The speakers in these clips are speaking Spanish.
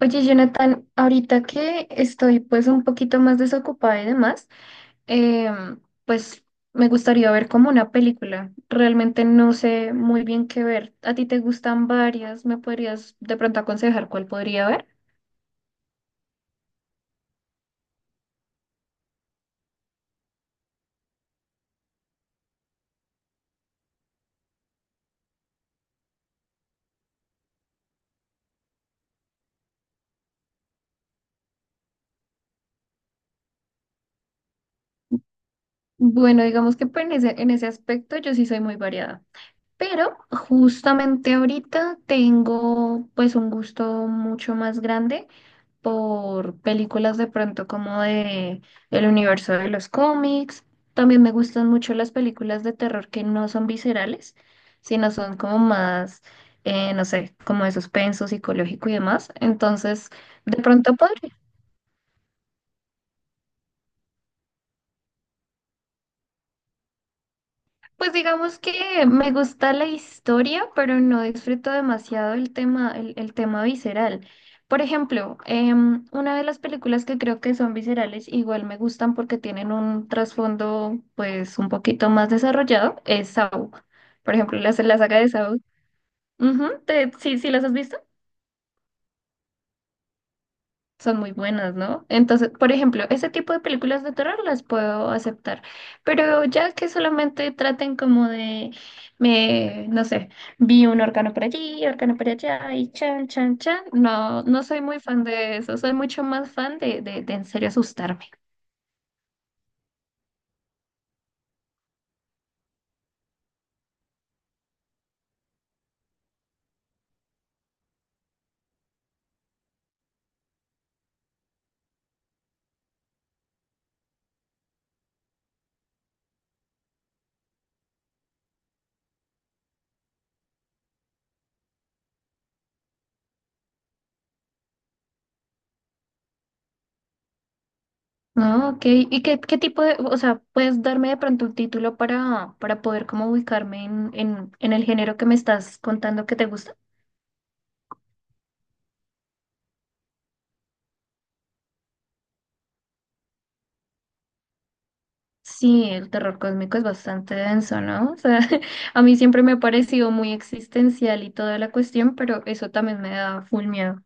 Oye, Jonathan, ahorita que estoy pues un poquito más desocupada y demás, pues me gustaría ver como una película. Realmente no sé muy bien qué ver. ¿A ti te gustan varias? ¿Me podrías de pronto aconsejar cuál podría ver? Bueno, digamos que pues, en ese aspecto yo sí soy muy variada, pero justamente ahorita tengo pues un gusto mucho más grande por películas de pronto como de el universo de los cómics. También me gustan mucho las películas de terror que no son viscerales, sino son como más, no sé, como de suspenso psicológico y demás. Entonces, de pronto podría. Pues digamos que me gusta la historia, pero no disfruto demasiado el tema, el tema visceral. Por ejemplo, una de las películas que creo que son viscerales, igual me gustan porque tienen un trasfondo pues un poquito más desarrollado, es Saw. Por ejemplo, la saga de Saw. Ujú, sí, sí, ¿las has visto? Son muy buenas, ¿no? Entonces, por ejemplo, ese tipo de películas de terror las puedo aceptar, pero ya que solamente traten como de, no sé, vi un órgano por allí, órgano por allá y chan, chan, chan, no, no soy muy fan de eso, soy mucho más fan de en serio asustarme. No, ok. ¿ qué tipo de, o sea, puedes darme de pronto un título para poder como ubicarme en el género que me estás contando que te gusta? Sí, el terror cósmico es bastante denso, ¿no? O sea, a mí siempre me ha parecido muy existencial y toda la cuestión, pero eso también me da full miedo.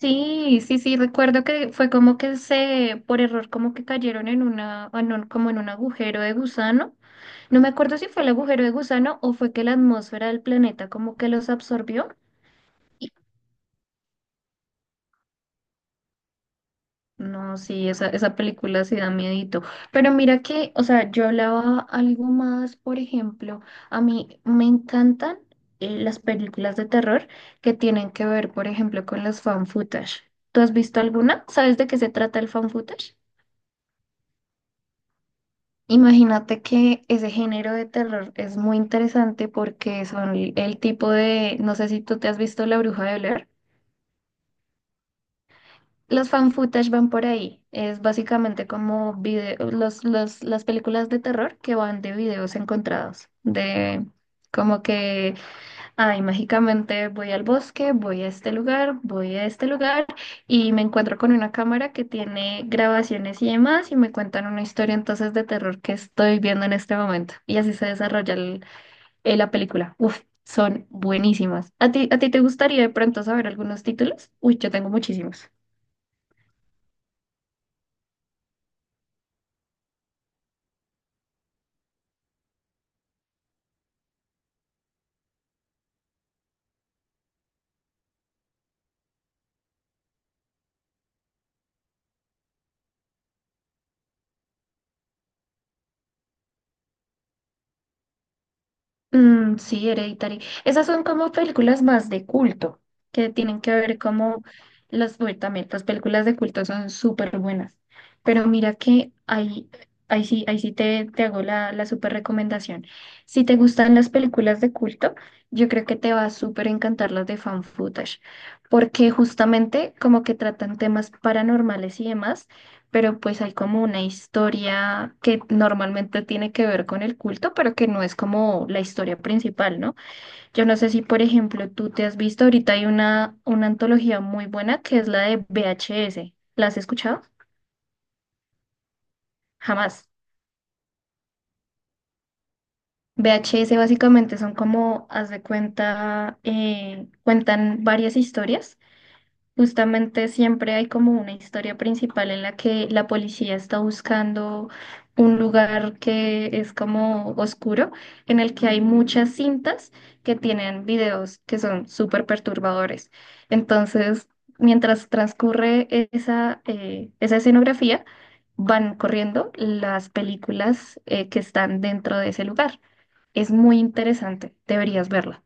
Sí, sí, sí, recuerdo que fue como que se, por error, como que cayeron en una, como en un agujero de gusano. No me acuerdo si fue el agujero de gusano o fue que la atmósfera del planeta como que los absorbió. No, sí, esa película sí da miedito. Pero mira que, o sea, yo hablaba algo más, por ejemplo, a mí me encantan las películas de terror que tienen que ver, por ejemplo, con los fan footage. ¿Tú has visto alguna? ¿Sabes de qué se trata el fan footage? Imagínate que ese género de terror es muy interesante porque son el tipo de, no sé si tú te has visto La Bruja de Blair. Los fan footage van por ahí. Es básicamente como las películas de terror que van de videos encontrados. De como que, ay, mágicamente voy al bosque, voy a este lugar, voy a este lugar y me encuentro con una cámara que tiene grabaciones y demás y me cuentan una historia entonces de terror que estoy viendo en este momento. Y así se desarrolla la película. Uf, son buenísimas. A ti te gustaría de pronto saber algunos títulos? Uy, yo tengo muchísimos. Mm, sí, Hereditary. Esas son como películas más de culto, que tienen que ver como las. Bueno, también las películas de culto son súper buenas. Pero mira que ahí, ahí sí te hago la, la súper recomendación. Si te gustan las películas de culto, yo creo que te va a súper encantar las de fan footage, porque justamente como que tratan temas paranormales y demás, pero pues hay como una historia que normalmente tiene que ver con el culto, pero que no es como la historia principal, ¿no? Yo no sé si, por ejemplo, tú te has visto, ahorita hay una antología muy buena que es la de VHS. ¿La has escuchado? Jamás. VHS básicamente son como, haz de cuenta, cuentan varias historias. Justamente siempre hay como una historia principal en la que la policía está buscando un lugar que es como oscuro, en el que hay muchas cintas que tienen videos que son súper perturbadores. Entonces, mientras transcurre esa, esa escenografía, van corriendo las películas, que están dentro de ese lugar. Es muy interesante, deberías verla.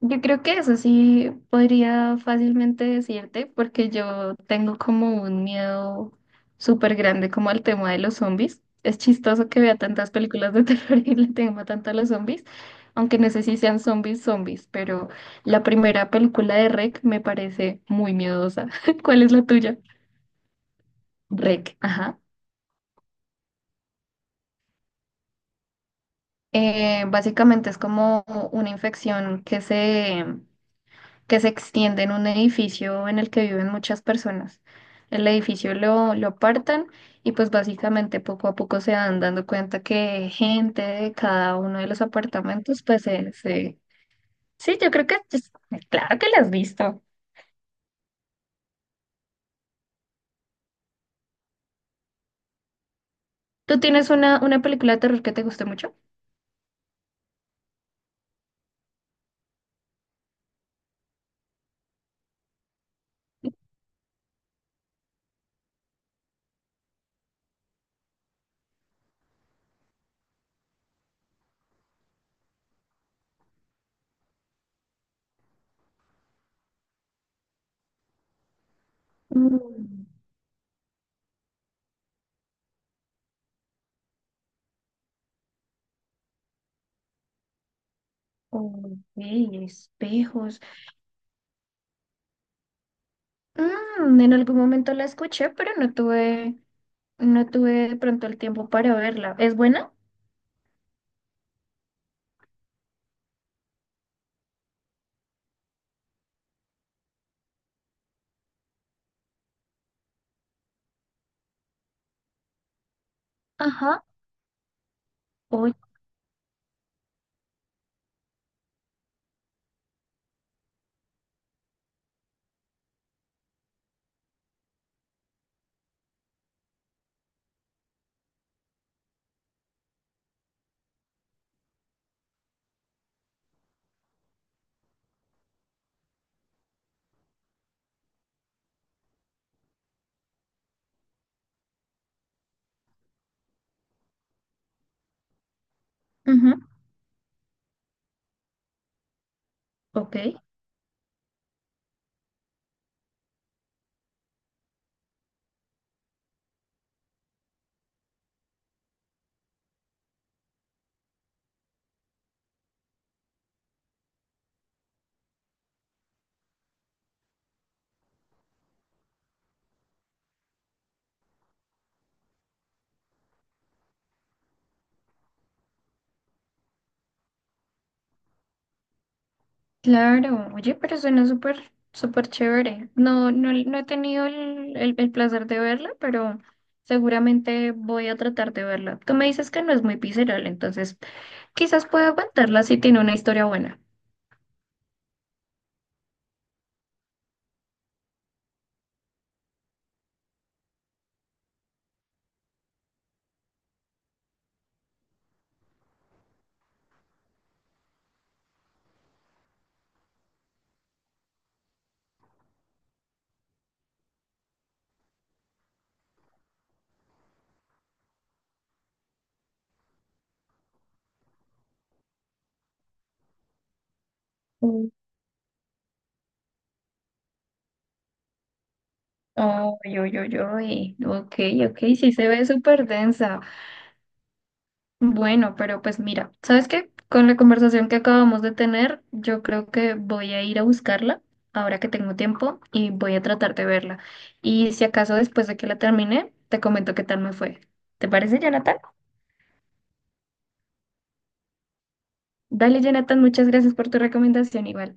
Yo creo que eso sí podría fácilmente decirte, porque yo tengo como un miedo súper grande como al tema de los zombies. Es chistoso que vea tantas películas de terror y le tema tanto a los zombies, aunque no sé si sean zombies zombies, pero la primera película de REC me parece muy miedosa. ¿Cuál es la tuya? REC, ajá. Básicamente es como una infección que se extiende en un edificio en el que viven muchas personas. El edificio lo apartan y pues básicamente poco a poco se van dando cuenta que gente de cada uno de los apartamentos, pues sí, yo creo que... claro que la has visto. ¿Tú tienes una película de terror que te guste mucho? Mm, ok, espejos. Mm, en algún momento la escuché, pero no tuve, no tuve de pronto el tiempo para verla. ¿Es buena? Ajá. Hoy. Ok. Claro, oye, pero suena súper, súper chévere. No, no, no he tenido el, el placer de verla, pero seguramente voy a tratar de verla. Tú me dices que no es muy visceral, entonces quizás pueda aguantarla si tiene una historia buena. Mm. Oh, yo, ok, ok, sí se ve súper densa. Bueno, pero pues mira, ¿sabes qué? Con la conversación que acabamos de tener, yo creo que voy a ir a buscarla ahora que tengo tiempo y voy a tratar de verla. Y si acaso después de que la termine, te comento qué tal me fue. ¿Te parece, Jonathan? Dale, Jonathan, muchas gracias por tu recomendación igual.